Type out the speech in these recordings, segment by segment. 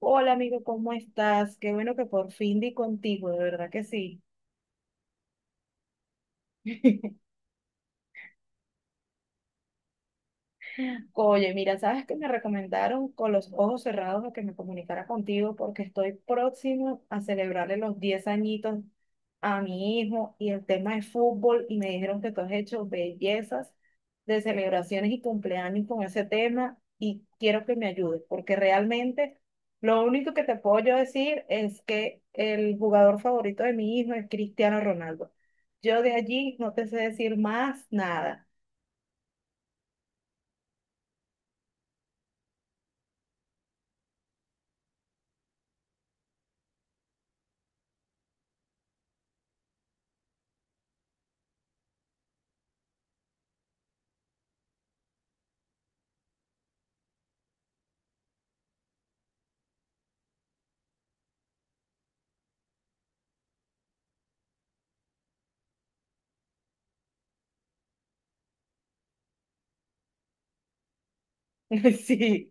Hola amigo, ¿cómo estás? Qué bueno que por fin di contigo, de verdad que sí. Oye, mira, sabes que me recomendaron con los ojos cerrados a que me comunicara contigo porque estoy próximo a celebrarle los 10 añitos a mi hijo y el tema es fútbol y me dijeron que tú has hecho bellezas de celebraciones y cumpleaños con ese tema y quiero que me ayudes porque realmente lo único que te puedo yo decir es que el jugador favorito de mi hijo es Cristiano Ronaldo. Yo de allí no te sé decir más nada. Sí.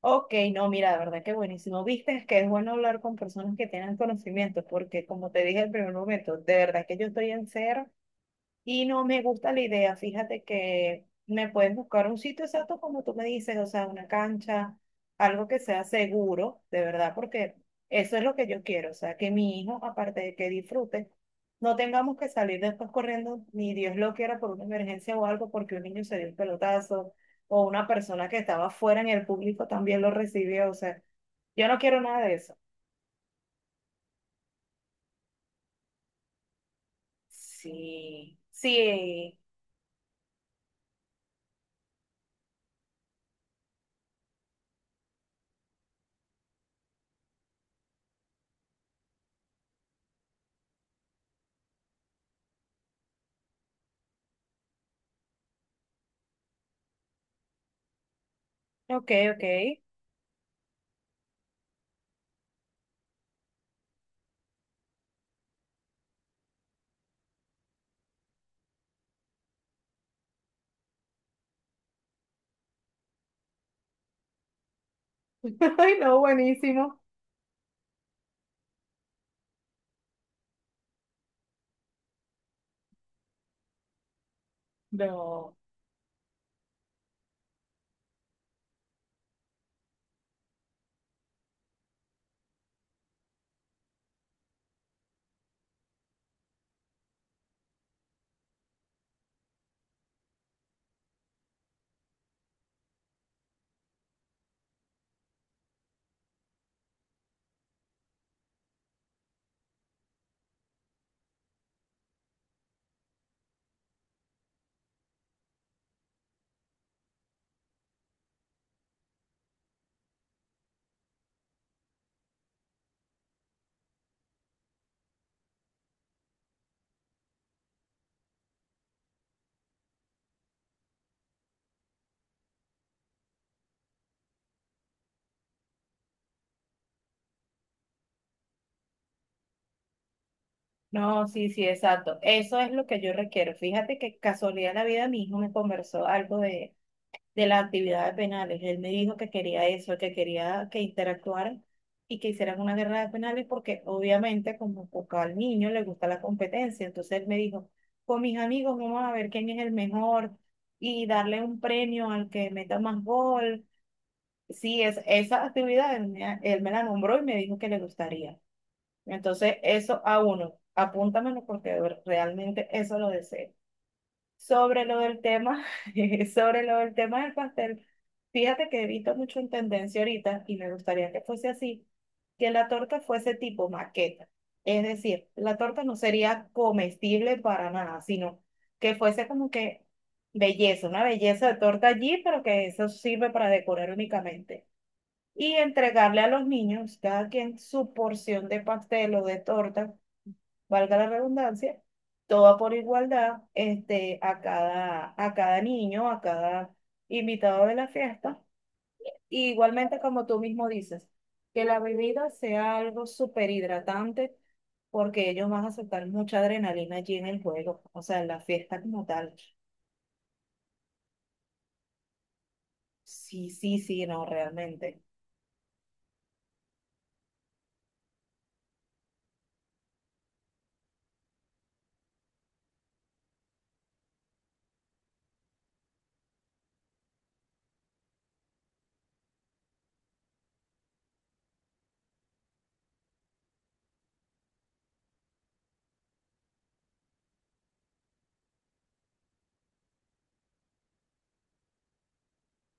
Ok, no, mira, de verdad que buenísimo. Viste, es que es bueno hablar con personas que tengan conocimiento, porque como te dije en el primer momento, de verdad que yo estoy en cero. Y no me gusta la idea, fíjate que me puedes buscar un sitio exacto como tú me dices, o sea, una cancha, algo que sea seguro, de verdad, porque eso es lo que yo quiero, o sea, que mi hijo, aparte de que disfrute, no tengamos que salir después corriendo, ni Dios lo quiera, por una emergencia o algo, porque un niño se dio un pelotazo, o una persona que estaba fuera en el público también lo recibió, o sea, yo no quiero nada de eso. Sí, sí, ok, ok. Ay, no, buenísimo. No, no, sí, sí, exacto. Eso es lo que yo requiero. Fíjate que casualidad de la vida, mi hijo me conversó algo de las actividades penales. Él me dijo que quería eso, que quería que interactuaran y que hicieran una guerra de penales porque obviamente como poco al niño le gusta la competencia. Entonces él me dijo, con mis amigos vamos a ver quién es el mejor y darle un premio al que meta más gol. Sí, esa actividad él me la nombró y me dijo que le gustaría. Entonces, eso a uno, apúntamelo porque realmente eso lo deseo. Sobre lo del tema, sobre lo del tema del pastel, fíjate que he visto mucho en tendencia ahorita y me gustaría que fuese así, que la torta fuese tipo maqueta. Es decir, la torta no sería comestible para nada, sino que fuese como que belleza, una belleza de torta allí, pero que eso sirve para decorar únicamente. Y entregarle a los niños, cada quien su porción de pastel o de torta valga la redundancia, toda por igualdad, a cada niño, a cada invitado de la fiesta. Y igualmente, como tú mismo dices, que la bebida sea algo súper hidratante, porque ellos van a soltar mucha adrenalina allí en el juego, o sea, en la fiesta como tal. Sí, sí, sí, no, realmente.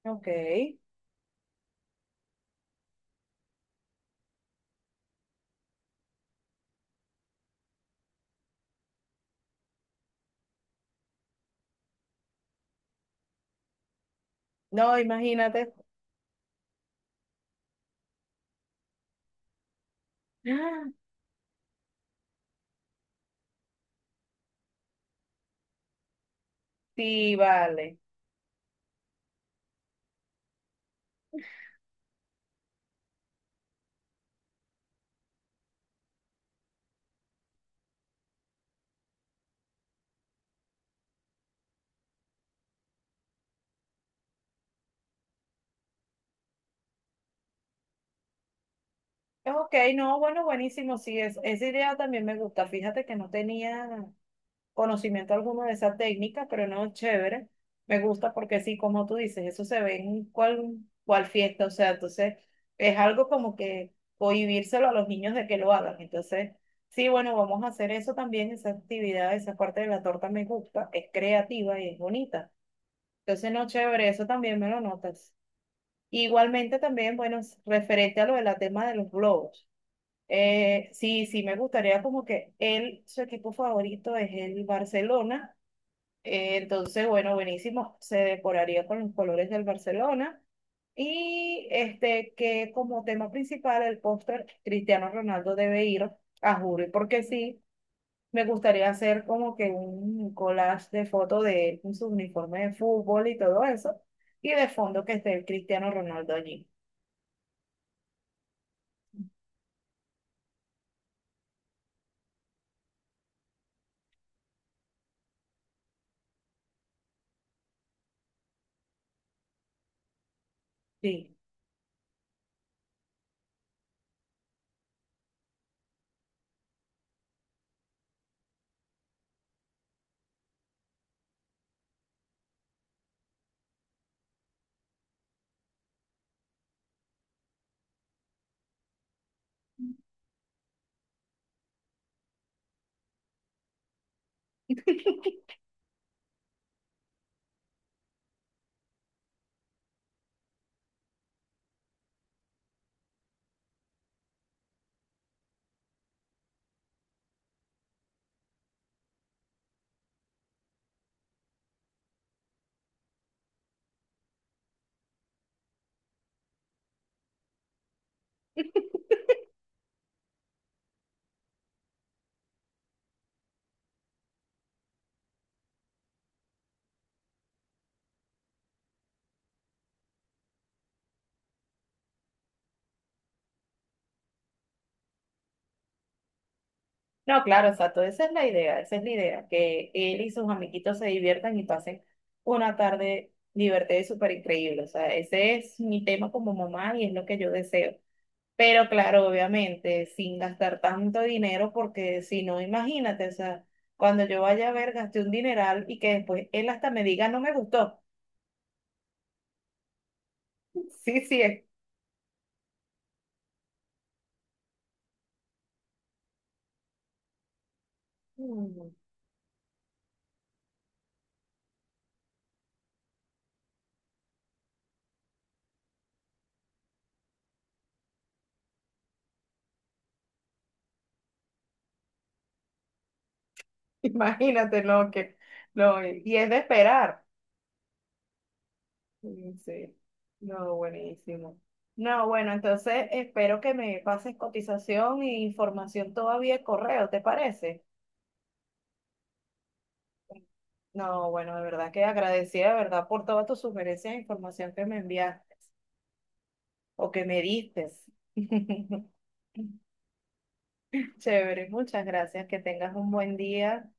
Ok. No, imagínate. ¡Ah! Sí, vale. Ok, no, bueno, buenísimo, sí, esa idea también me gusta. Fíjate que no tenía conocimiento alguno de esa técnica, pero no, chévere. Me gusta porque sí, como tú dices, eso se ve en cual fiesta, o sea, entonces es algo como que cohibírselo a los niños de que lo hagan. Entonces, sí, bueno, vamos a hacer eso también, esa actividad, esa parte de la torta me gusta, es creativa y es bonita. Entonces, no, chévere, eso también me lo notas. Igualmente también, bueno, referente a lo del tema de los globos. Sí, sí, me gustaría como que él, su equipo favorito es el Barcelona entonces, bueno, buenísimo. Se decoraría con los colores del Barcelona. Y este, que como tema principal, el póster, Cristiano Ronaldo debe ir a Jure, porque sí, me gustaría hacer como que un collage de fotos de él con su uniforme de fútbol y todo eso. Y de fondo que esté el Cristiano Ronaldo allí. Sí. No, claro, exacto. Esa es la idea, esa es la idea, que él y sus amiguitos se diviertan y pasen una tarde divertida y súper increíble. O sea, ese es mi tema como mamá y es lo que yo deseo. Pero claro, obviamente, sin gastar tanto dinero, porque si no, imagínate, o sea, cuando yo vaya a ver, gasté un dineral y que después él hasta me diga, no me gustó. Sí, sí, es. Mm, imagínate y es de esperar. Mm, sí, no, buenísimo. No, bueno, entonces espero que me pases cotización e información todavía de correo, ¿te parece? No, bueno, de verdad que agradecida, de verdad, por todas tus sugerencias e información que me enviaste o que me diste. Chévere, muchas gracias, que tengas un buen día.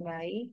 Bye.